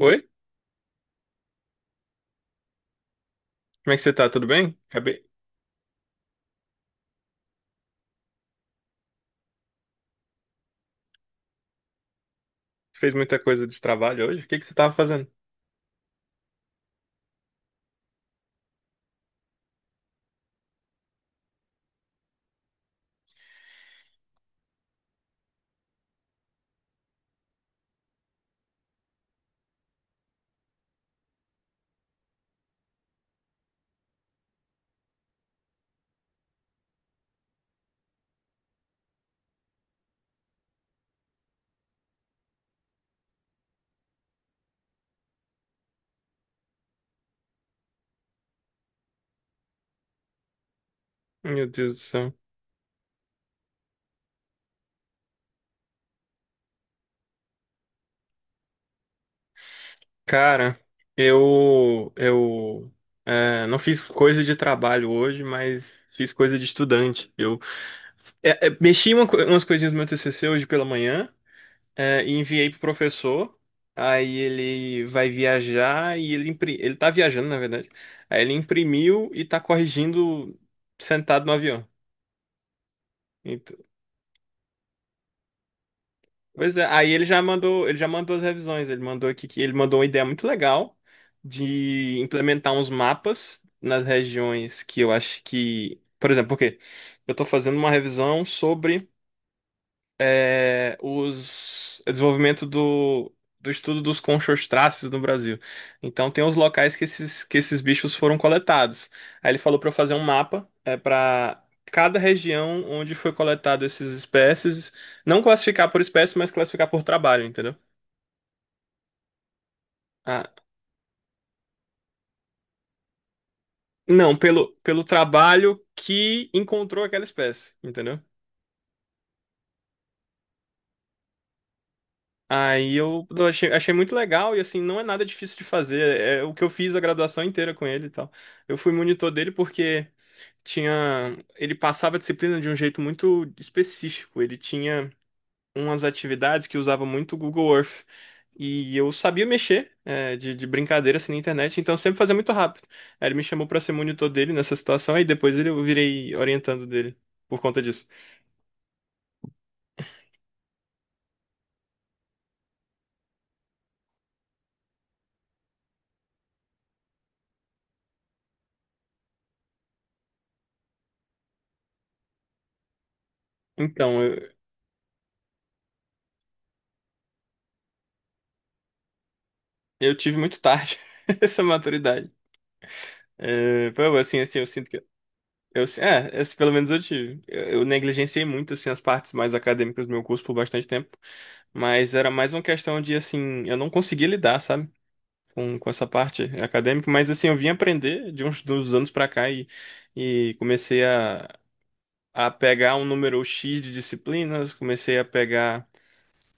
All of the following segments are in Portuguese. Oi? Como é que você tá? Tudo bem? Acabei. Fez muita coisa de trabalho hoje? O que que você tava fazendo? Meu Deus do céu. Cara, eu não fiz coisa de trabalho hoje, mas fiz coisa de estudante. Eu mexi umas coisinhas no meu TCC hoje pela manhã e enviei pro professor. Aí ele vai viajar e ele tá viajando, na verdade. Aí ele imprimiu e tá corrigindo sentado no avião. Então, pois é, aí ele já mandou as revisões, ele mandou aqui que ele mandou uma ideia muito legal de implementar uns mapas nas regiões que eu acho que, por exemplo, porque eu estou fazendo uma revisão sobre os o desenvolvimento do estudo dos conchostráceos no Brasil. Então tem os locais que esses bichos foram coletados. Aí ele falou para eu fazer um mapa para cada região onde foi coletado esses espécies, não classificar por espécie, mas classificar por trabalho, entendeu? Ah, não, pelo trabalho que encontrou aquela espécie, entendeu? Aí eu achei muito legal e assim, não é nada difícil de fazer. É o que eu fiz a graduação inteira com ele e tal. Eu fui monitor dele porque tinha. Ele passava a disciplina de um jeito muito específico. Ele tinha umas atividades que usava muito o Google Earth. E eu sabia mexer, de brincadeira assim na internet, então eu sempre fazia muito rápido. Aí ele me chamou pra ser monitor dele nessa situação, aí depois eu virei orientando dele por conta disso. Então, eu tive muito tarde essa maturidade. É, pô, assim, eu sinto que. Esse pelo menos eu tive. Eu negligenciei muito, assim, as partes mais acadêmicas do meu curso por bastante tempo. Mas era mais uma questão de, assim, eu não conseguia lidar, sabe? Com essa parte acadêmica. Mas, assim, eu vim aprender de uns dos anos pra cá e comecei a pegar um número X de disciplinas, comecei a pegar.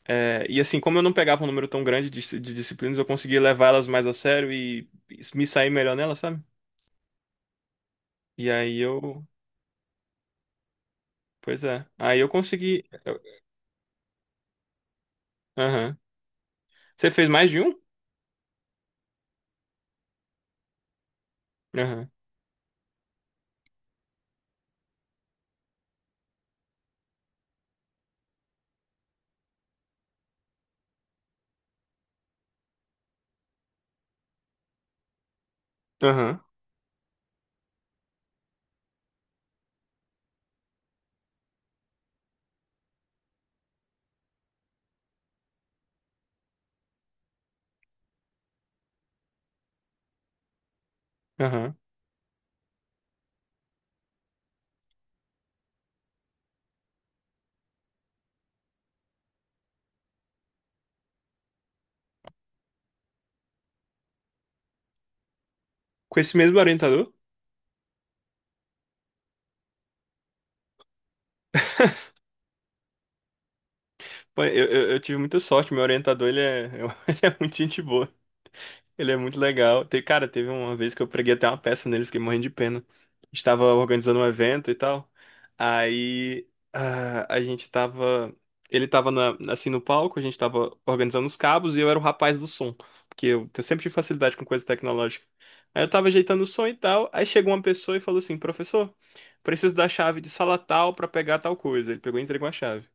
E, assim, como eu não pegava um número tão grande de disciplinas, eu conseguia levá-las mais a sério e me sair melhor nelas, sabe? E aí eu Pois é. Aí eu consegui. Aham. Você fez mais de um? Aham. Aham. Aham. Com esse mesmo orientador? Pô, eu tive muita sorte. Meu orientador, ele é muito gente boa. Ele é muito legal. Cara, teve uma vez que eu preguei até uma peça nele, fiquei morrendo de pena. Estava organizando um evento e tal. Aí ah, a gente tava. Ele tava assim no palco, a gente tava organizando os cabos e eu era o rapaz do som. Porque eu, sempre tive facilidade com coisa tecnológica. Aí eu tava ajeitando o som e tal. Aí chegou uma pessoa e falou assim: Professor, preciso da chave de sala tal pra pegar tal coisa. Ele pegou e entregou a chave.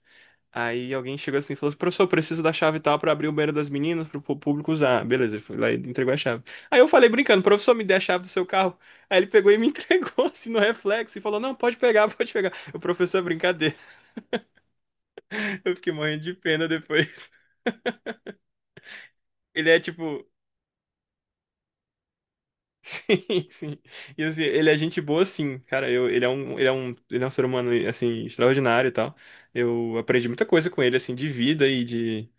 Aí alguém chegou assim e falou assim: professor, preciso da chave e tal pra abrir o banheiro das meninas pro público usar. Beleza, ele foi lá e entregou a chave. Aí eu falei brincando: professor, me dê a chave do seu carro. Aí ele pegou e me entregou assim no reflexo e falou: não, pode pegar, pode pegar. O professor, brincadeira. Eu fiquei morrendo de pena depois. Ele é tipo, sim, sim. E assim, ele é gente boa sim, cara. Eu, ele é um, ele é um, ele é um ser humano assim extraordinário e tal. Eu aprendi muita coisa com ele assim de vida e de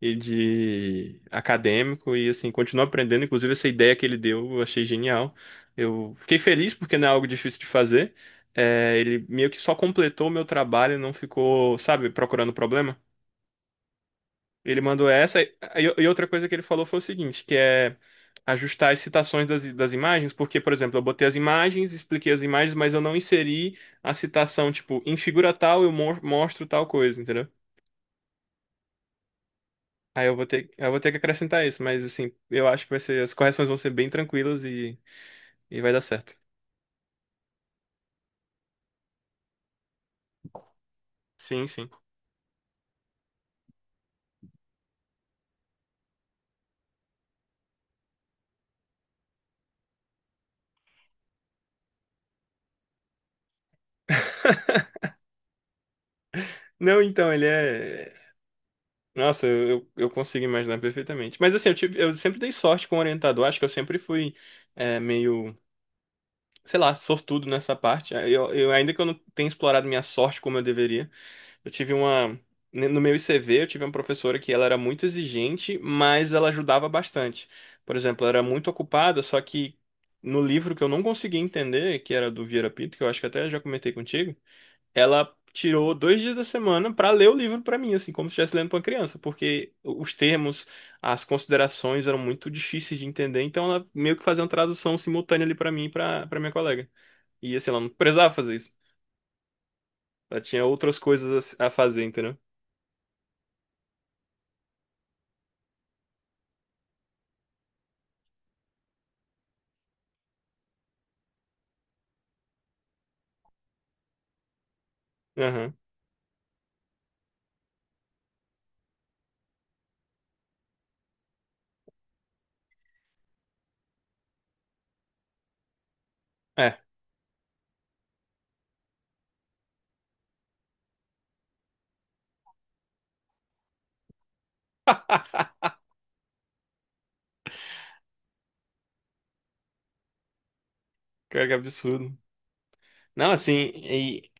e de acadêmico e assim, continuo aprendendo. Inclusive, essa ideia que ele deu, eu achei genial. Eu fiquei feliz porque não é algo difícil de fazer. É, ele meio que só completou o meu trabalho, não ficou, sabe, procurando problema. Ele mandou essa. E outra coisa que ele falou foi o seguinte, que é ajustar as citações das imagens, porque, por exemplo, eu botei as imagens, expliquei as imagens, mas eu não inseri a citação, tipo, em figura tal eu mostro tal coisa, entendeu? Aí eu vou ter que acrescentar isso, mas assim, eu acho que vai ser, as correções vão ser bem tranquilas e vai dar certo. Sim, sim. Não, então, ele é. Nossa, eu consigo imaginar perfeitamente. Mas assim, eu sempre dei sorte com o orientador, acho que eu sempre fui meio, sei lá, sortudo nessa parte. Eu, ainda que eu não tenha explorado minha sorte como eu deveria, eu tive uma. No meu ICV, eu tive uma professora que ela era muito exigente, mas ela ajudava bastante. Por exemplo, ela era muito ocupada, só que no livro que eu não conseguia entender, que era do Vieira Pinto, que eu acho que até já comentei contigo, ela tirou 2 dias da semana para ler o livro para mim, assim, como se estivesse lendo para uma criança, porque os termos, as considerações eram muito difíceis de entender, então ela meio que fazia uma tradução simultânea ali para mim e para minha colega. E assim, ela não precisava fazer isso. Ela tinha outras coisas a fazer, entendeu? Aham. É, cara, que é absurdo. Não, assim,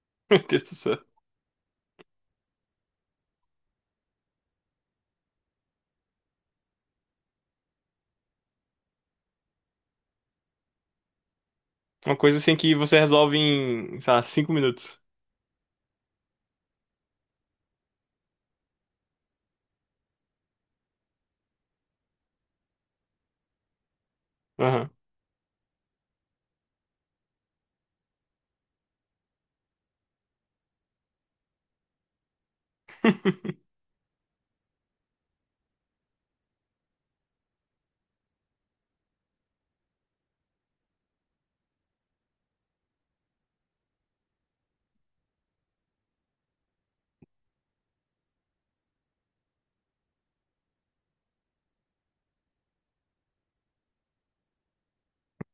Meu Deus do céu. Uma coisa assim que você resolve em, sei lá, 5 minutos. Aham.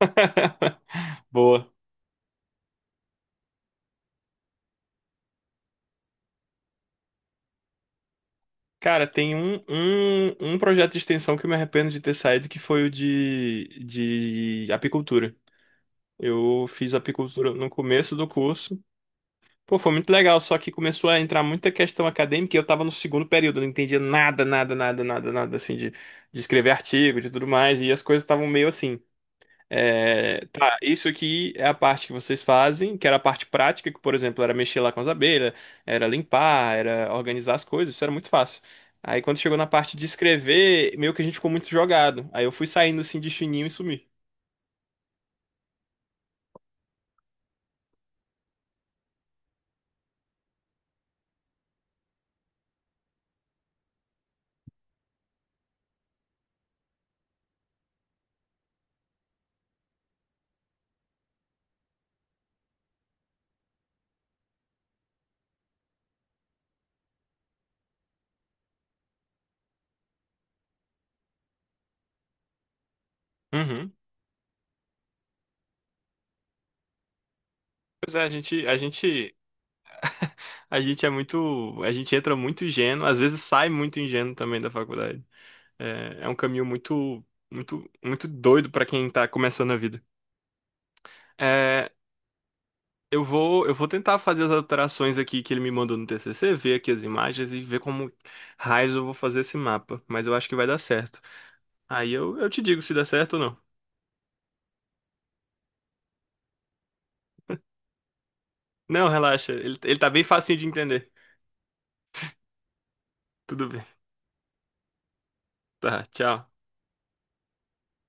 Boa. Cara, tem um projeto de extensão que eu me arrependo de ter saído, que foi o de apicultura. Eu fiz apicultura no começo do curso. Pô, foi muito legal, só que começou a entrar muita questão acadêmica e eu tava no segundo período, eu não entendia nada, nada, nada, nada, nada, assim, de escrever artigo, de tudo mais, e as coisas estavam meio assim. É, tá, isso aqui é a parte que vocês fazem, que era a parte prática, que, por exemplo, era mexer lá com as abelhas, era limpar, era organizar as coisas, isso era muito fácil. Aí quando chegou na parte de escrever, meio que a gente ficou muito jogado. Aí eu fui saindo assim de chininho e sumi. Uhum. Pois é, a gente entra muito ingênuo, às vezes sai muito ingênuo também da faculdade. É um caminho muito, muito, muito doido pra quem tá começando a vida. Eu vou tentar fazer as alterações aqui que ele me mandou no TCC, ver aqui as imagens e ver como raios eu vou fazer esse mapa. Mas eu acho que vai dar certo. Aí eu te digo se dá certo ou não. Não, relaxa. Ele tá bem facinho de entender. Tudo bem. Tá, tchau.